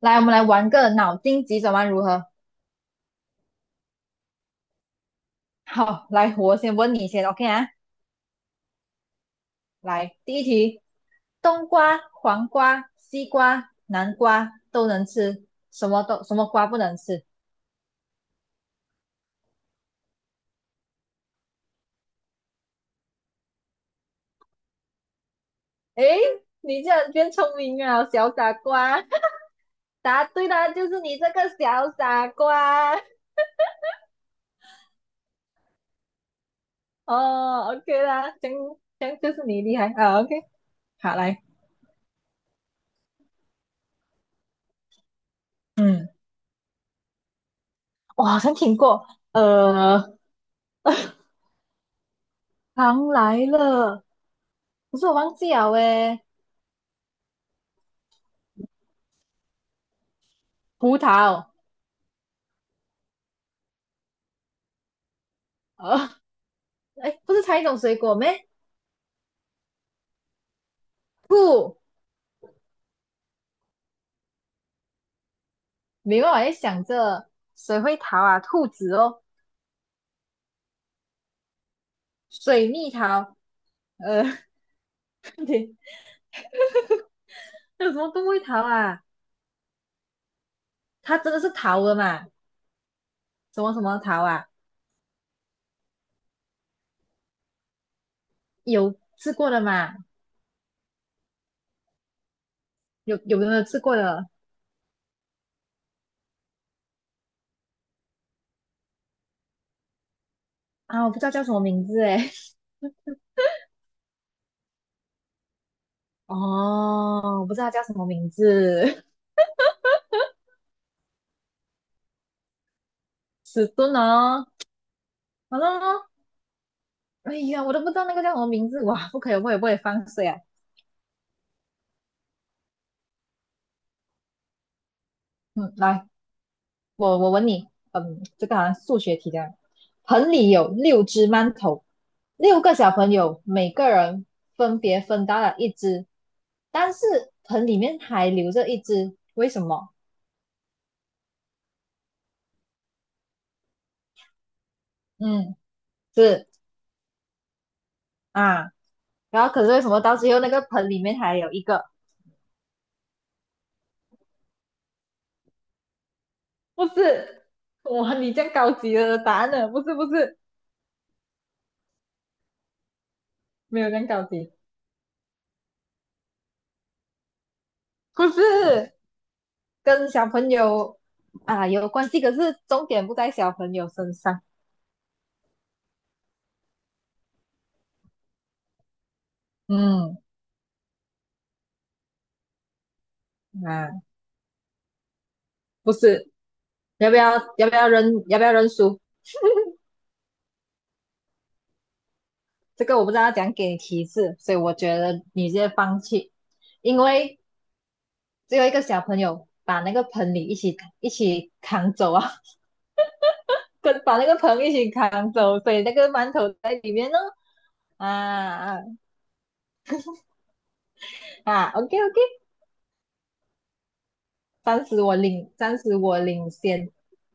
来，我们来玩个脑筋急转弯，如何？好，来，我先问你先，OK 啊？来，第一题，冬瓜、黄瓜、西瓜、南瓜都能吃，什么瓜不能吃？诶，你竟然变聪明啊，小傻瓜！答对啦，就是你这个小傻瓜。哦，OK 啦，这样就是你厉害啊，OK。好，来，嗯，我好像听过，糖来了，可是我忘记了诶，葡萄。啊，哎，不是猜一种水果咩？兔，没办法，在想着谁会逃啊？兔子哦，水蜜桃，呃，对，那有什么动物会逃啊？它真的是逃的嘛？什么什么逃啊？有吃过的嘛？有没有吃过的啊？我不知道叫什么名字哎，哦，我不知道它叫什么名字，迟钝哦，好了哦，哎呀，我都不知道那个叫什么名字，哇，不可以，不可以不可以放水啊，嗯，来。我问你，嗯，这个好像数学题这样。盆里有六只馒头，六个小朋友每个人分别分到了一只，但是盆里面还留着一只，为什么？嗯，是啊。然后可是为什么到最后那个盆里面还有一个？不是，哇，你这样高级的答案了，不是不是，没有这样高级，不是跟小朋友啊有关系，可是重点不在小朋友身上。嗯啊。不是，要不要要不要认输？这个我不知道怎样给你提示，所以我觉得你直接放弃，因为只有一个小朋友把那个盆里一起扛走啊，跟把那个盆一起扛走，所以那个馒头在里面呢。啊啊啊！OK OK,暂时我领先。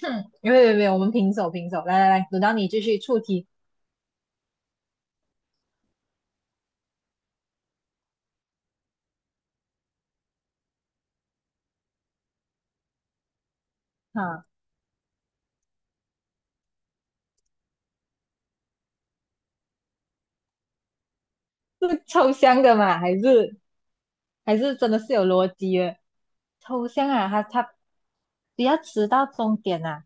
哼，没有没有没有，我们平手平手。来来来，轮到你继续出题啊，是抽象的嘛？还是真的是有逻辑的？抽象啊，他。不要迟到终点啊。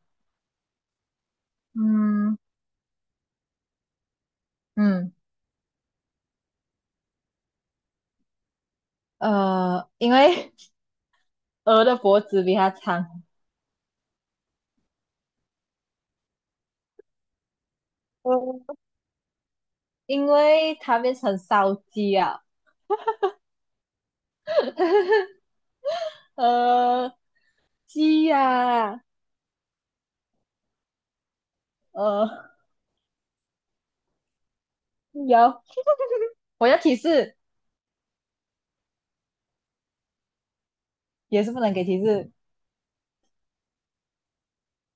嗯嗯，因为 鹅的脖子比它长，呃，因为它变成烧鸡啊。呃，鸡呀、啊呃，有，我要提示，也是不能给提示，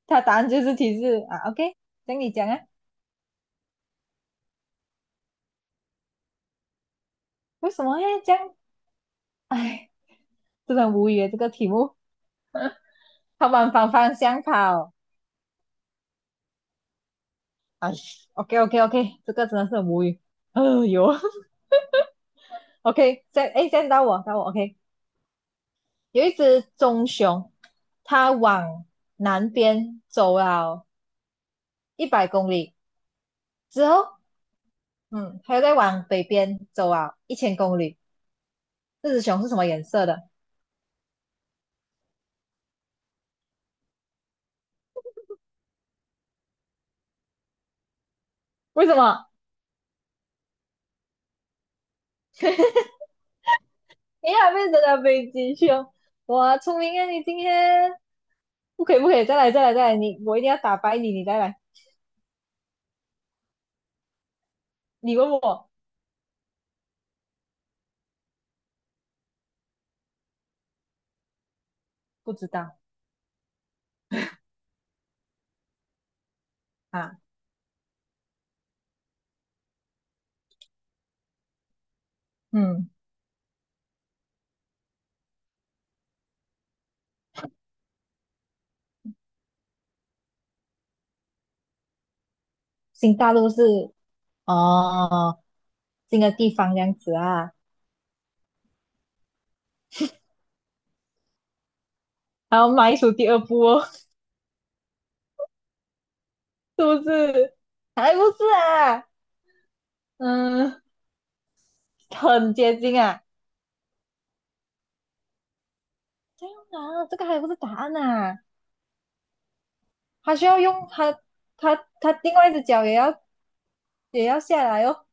它答案就是提示啊。OK,等你讲啊，为什么要这样？哎，真的很无语耶这个题目，它往反方向跑。哎，OK OK OK,这个真的是很无语。哎呦。OK,现在到我， OK。有一只棕熊，它往南边走了100公里之后，它又再往北边走了1000公里。这只熊是什么颜色的？为什么？你还变成了北极熊？哇，聪明啊！你今天不可以，不可以，再来，再来，再来！我一定要打败你，你再来。你问我不知道啊？嗯，新大陆是哦，新的地方这样子啊。然后迈出第二步哦。是不是？还不是啊，嗯，很接近啊。这样啊，这个还不是答案啊，还需要用它，它另外一只脚也要下来哦，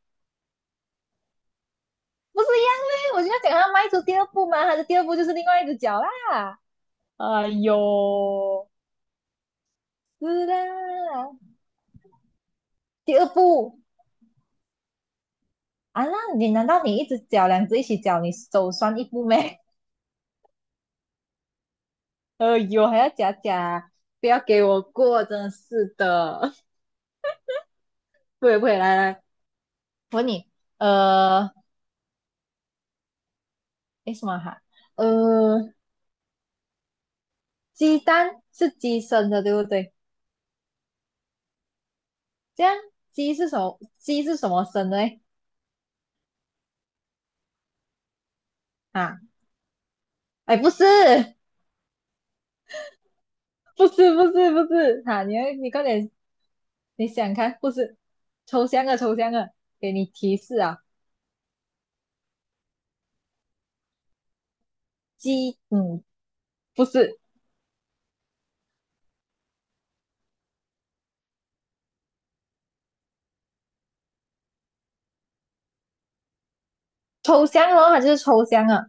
不是一样嘞？我就要讲它迈出第二步嘛，它的第二步就是另外一只脚啦。哎呦，是啦，第二步啊，那你难道你一只脚两只一起脚，你手算一步没？哎呦，还要假假，不要给我过，真的是的。不会不会，来来我问你，呃，诶，什么哈？呃，鸡蛋是鸡生的，对不对？这样鸡是什么？鸡是什么生的嘞？啊，哎，不是，不是，不是，不是，哈、你要快点，你想看，不是，抽象的，抽象的，给你提示啊，鸡，嗯，不是，抽象哦，它就是抽象啊，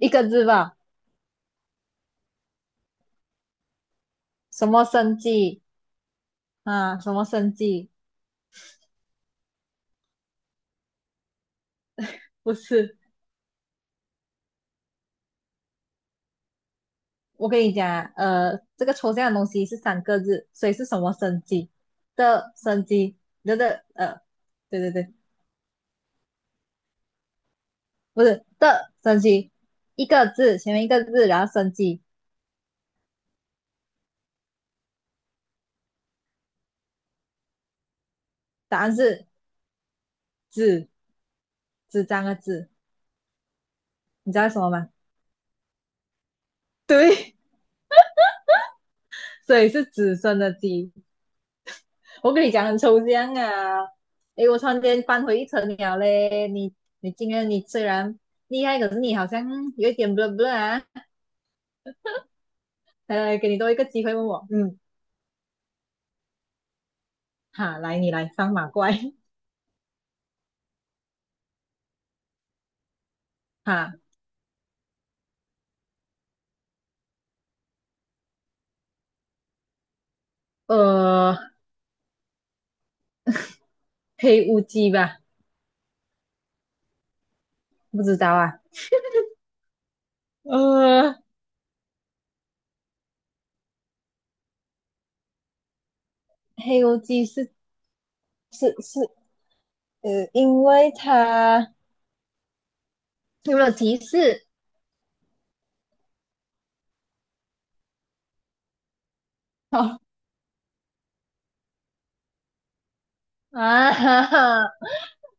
一个字吧，什么生鸡啊？什么生鸡？不是。我跟你讲啊,这个抽象的东西是三个字，所以是什么生机的生机的对对对，不是的生机，一个字前面一个字，然后生机，答案是纸纸张的纸，你知道是什么吗？对，所以是纸生的鸡。我跟你讲很抽象啊，诶，我突然间翻回一层了嘞。你今天你虽然厉害，可是你好像有一点不 l a h b l 啊。来来，给你多一个机会问我，嗯。哈，来你来放马怪，哈，呃，黑乌鸡吧，不知道啊，呃，黑乌鸡是，因为它有没有提示？哦啊哈哈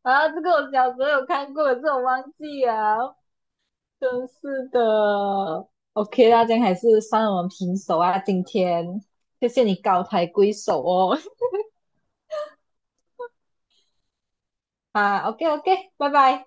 啊，这个我小时候有看过，这我忘记了，真是的。OK 大家样还是算我们平手啊，今天谢谢你高抬贵手哦。啊，OK OK,拜拜。